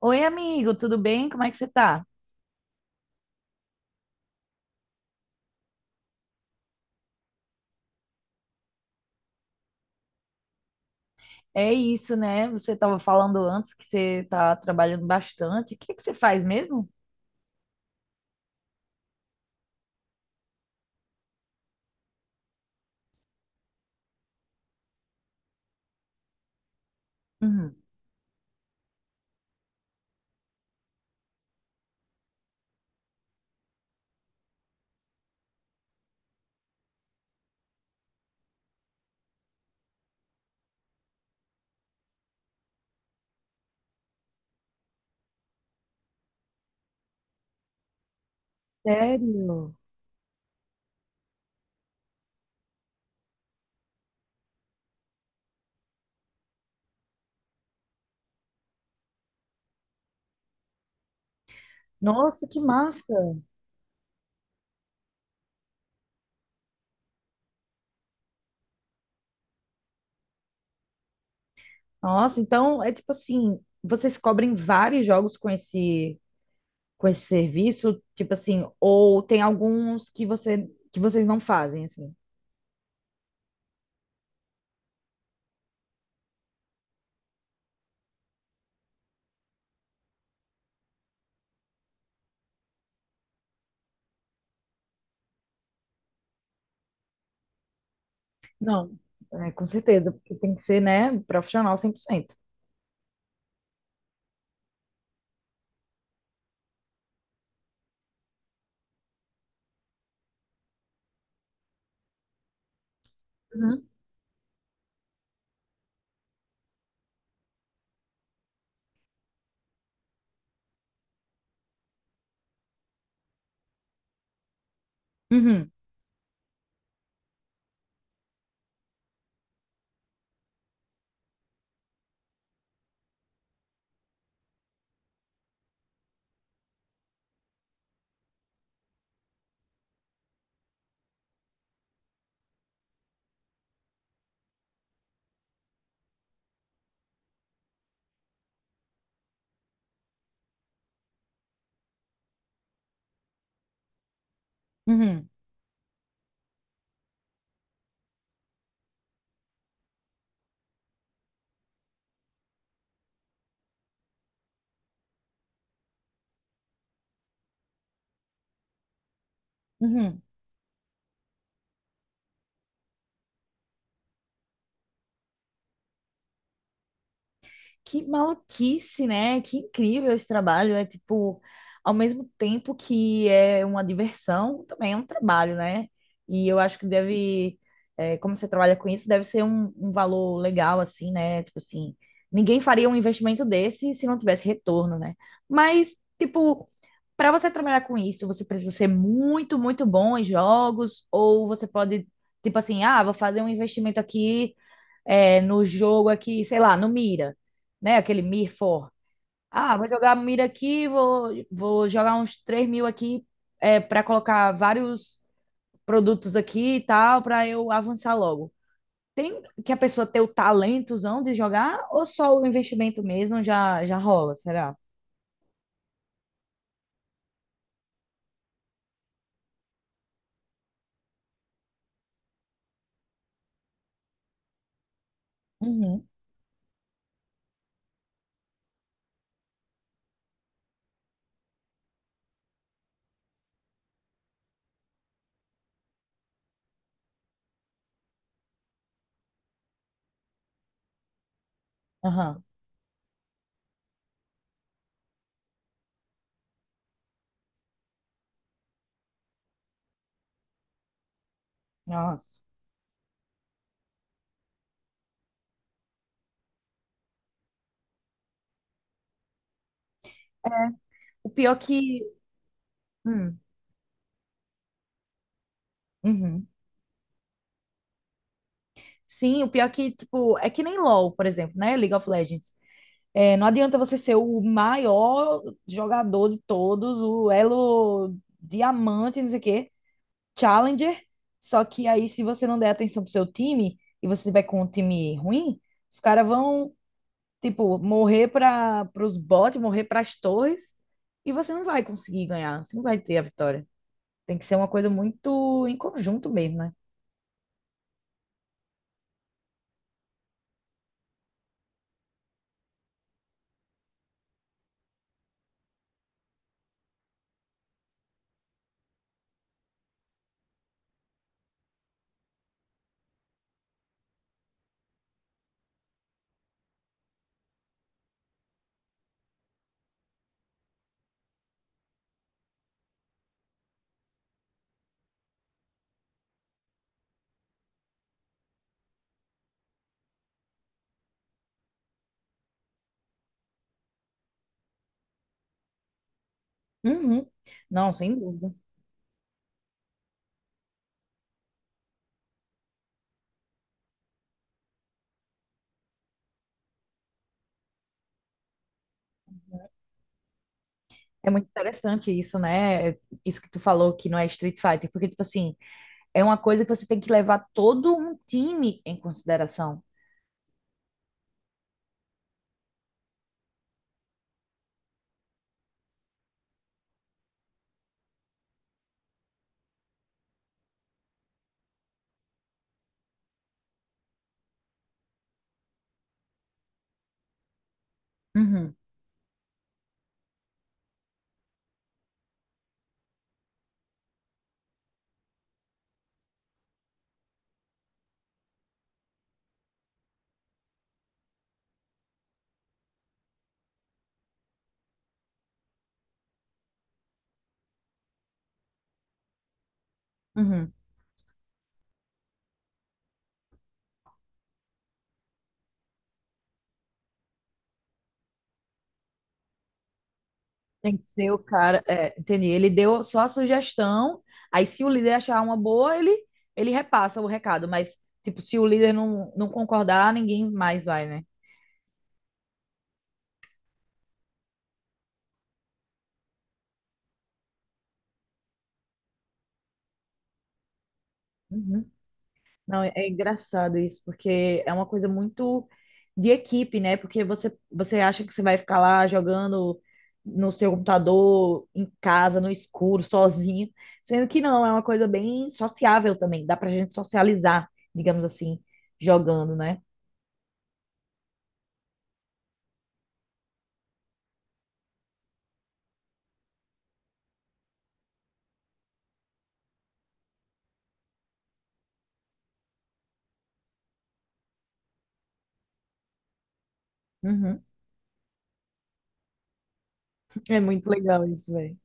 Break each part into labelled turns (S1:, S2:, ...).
S1: Oi, amigo, tudo bem? Como é que você tá? É isso, né? Você estava falando antes que você tá trabalhando bastante. O que é que você faz mesmo? Uhum. Sério? Nossa, que massa! Nossa, então é tipo assim, vocês cobrem vários jogos com esse serviço, tipo assim, ou tem alguns que vocês não fazem assim? Não. É, com certeza, porque tem que ser, né, profissional 100%. Uhum. Uhum. Uhum. Uhum. Que maluquice, né? Que incrível esse trabalho. É tipo, ao mesmo tempo que é uma diversão, também é um trabalho, né? E eu acho que deve, é, como você trabalha com isso, deve ser um valor legal, assim, né? Tipo assim, ninguém faria um investimento desse se não tivesse retorno, né? Mas, tipo, para você trabalhar com isso, você precisa ser muito, muito bom em jogos, ou você pode, tipo assim, ah, vou fazer um investimento aqui é, no jogo aqui, sei lá, no Mira, né? Aquele Mir For. Ah, vou jogar Mira aqui, vou jogar uns 3.000 aqui é, para colocar vários produtos aqui e tal, para eu avançar logo. Tem que a pessoa ter o talentozão de jogar ou só o investimento mesmo já, já rola, será? Uhum, aham, nossa. O pior que... hum, uhum. Sim, o pior que, tipo, é que nem LoL, por exemplo, né? League of Legends. É, não adianta você ser o maior jogador de todos, o elo diamante, não sei o quê, challenger. Só que aí, se você não der atenção pro seu time e você tiver com um time ruim, os caras vão, tipo, morrer para os bots, morrer para as torres, e você não vai conseguir ganhar, você não vai ter a vitória. Tem que ser uma coisa muito em conjunto mesmo, né? Uhum. Não, sem dúvida. É muito interessante isso, né? É isso que tu falou que não é Street Fighter, porque, tipo assim. É uma coisa que você tem que levar todo um time em consideração. Uhum, uhum. Tem que ser o cara. É, entendi. Ele deu só a sugestão. Aí, se o líder achar uma boa, ele repassa o recado. Mas, tipo, se o líder não concordar, ninguém mais vai, né? Uhum. Não, é é engraçado isso, porque é uma coisa muito de equipe, né? Porque você, você acha que você vai ficar lá jogando no seu computador, em casa, no escuro, sozinho, sendo que não, é uma coisa bem sociável também, dá pra gente socializar, digamos assim, jogando, né? Uhum. É muito legal isso, velho.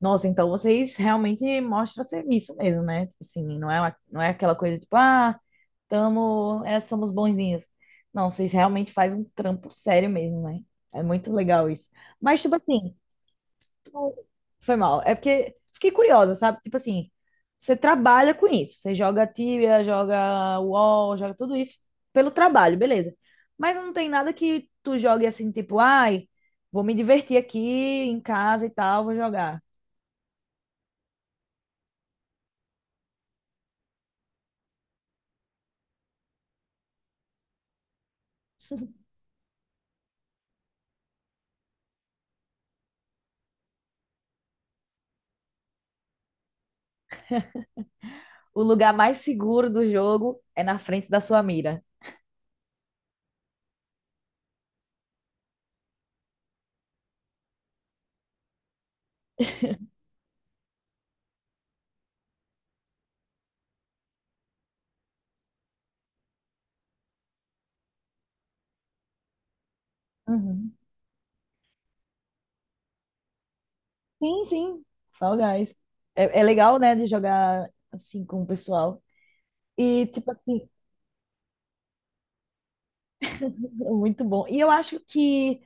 S1: Nossa, então vocês realmente mostram serviço mesmo, né? Tipo assim, não é, não é aquela coisa tipo, ah. Tamo, é, somos bonzinhas. Não, vocês realmente fazem um trampo sério mesmo, né? É muito legal isso. Mas, tipo assim, tu- foi mal. É porque fiquei curiosa, sabe? Tipo assim, você trabalha com isso. Você joga Tibia, joga UOL, joga tudo isso pelo trabalho, beleza. Mas não tem nada que tu jogue assim, tipo, ai, vou me divertir aqui em casa e tal, vou jogar. O lugar mais seguro do jogo é na frente da sua mira. Uhum. Sim, sim, Fall Guys. É, é legal, né, de jogar assim com o pessoal. E, tipo assim, é muito bom. E eu acho que,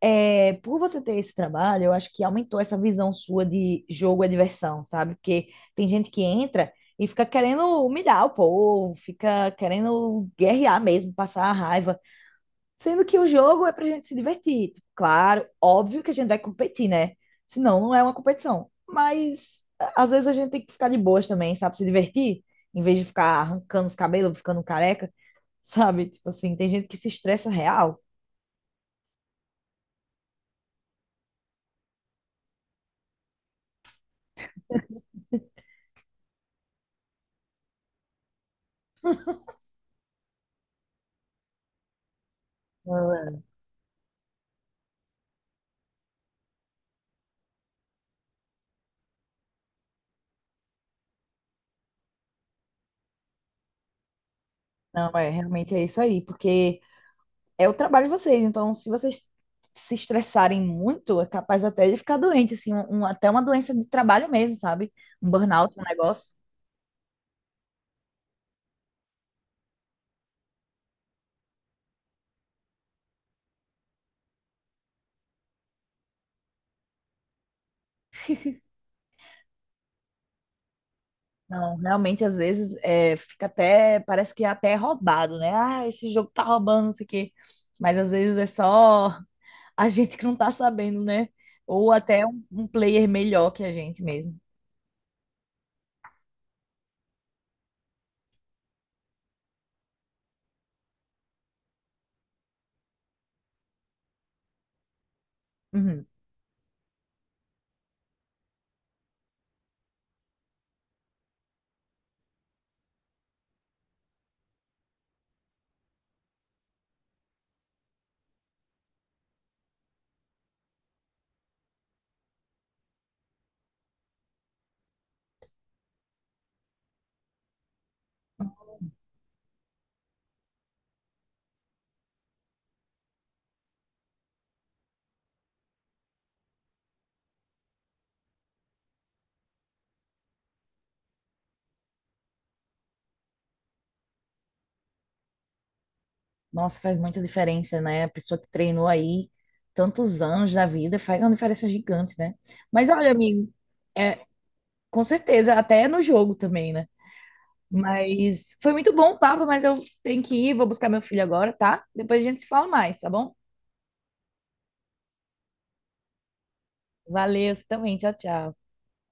S1: é, por você ter esse trabalho, eu acho que aumentou essa visão sua de jogo é diversão, sabe? Porque tem gente que entra e fica querendo humilhar o povo, fica querendo guerrear mesmo, passar a raiva. Sendo que o jogo é pra gente se divertir. Tipo, claro, óbvio que a gente vai competir, né? Senão não é uma competição. Mas às vezes a gente tem que ficar de boas também, sabe? Se divertir, em vez de ficar arrancando os cabelos, ficando careca, sabe? Tipo assim, tem gente que se estressa real. Ah, não, é, realmente é isso aí, porque é o trabalho de vocês. Então, se vocês se estressarem muito, é capaz até de ficar doente, assim, até uma doença de trabalho mesmo, sabe? Um burnout, um negócio. Não, realmente, às vezes, é, fica até, parece que é até roubado, né? Ah, esse jogo tá roubando, não sei o quê. Mas às vezes é só a gente que não tá sabendo, né? Ou até um player melhor que a gente mesmo. Uhum. Nossa, faz muita diferença, né? A pessoa que treinou aí tantos anos na vida faz uma diferença gigante, né? Mas olha, amigo, é, com certeza, até no jogo também, né? Mas foi muito bom o papo, mas eu tenho que ir, vou buscar meu filho agora, tá? Depois a gente se fala mais, tá bom? Valeu, você também. Tchau, tchau.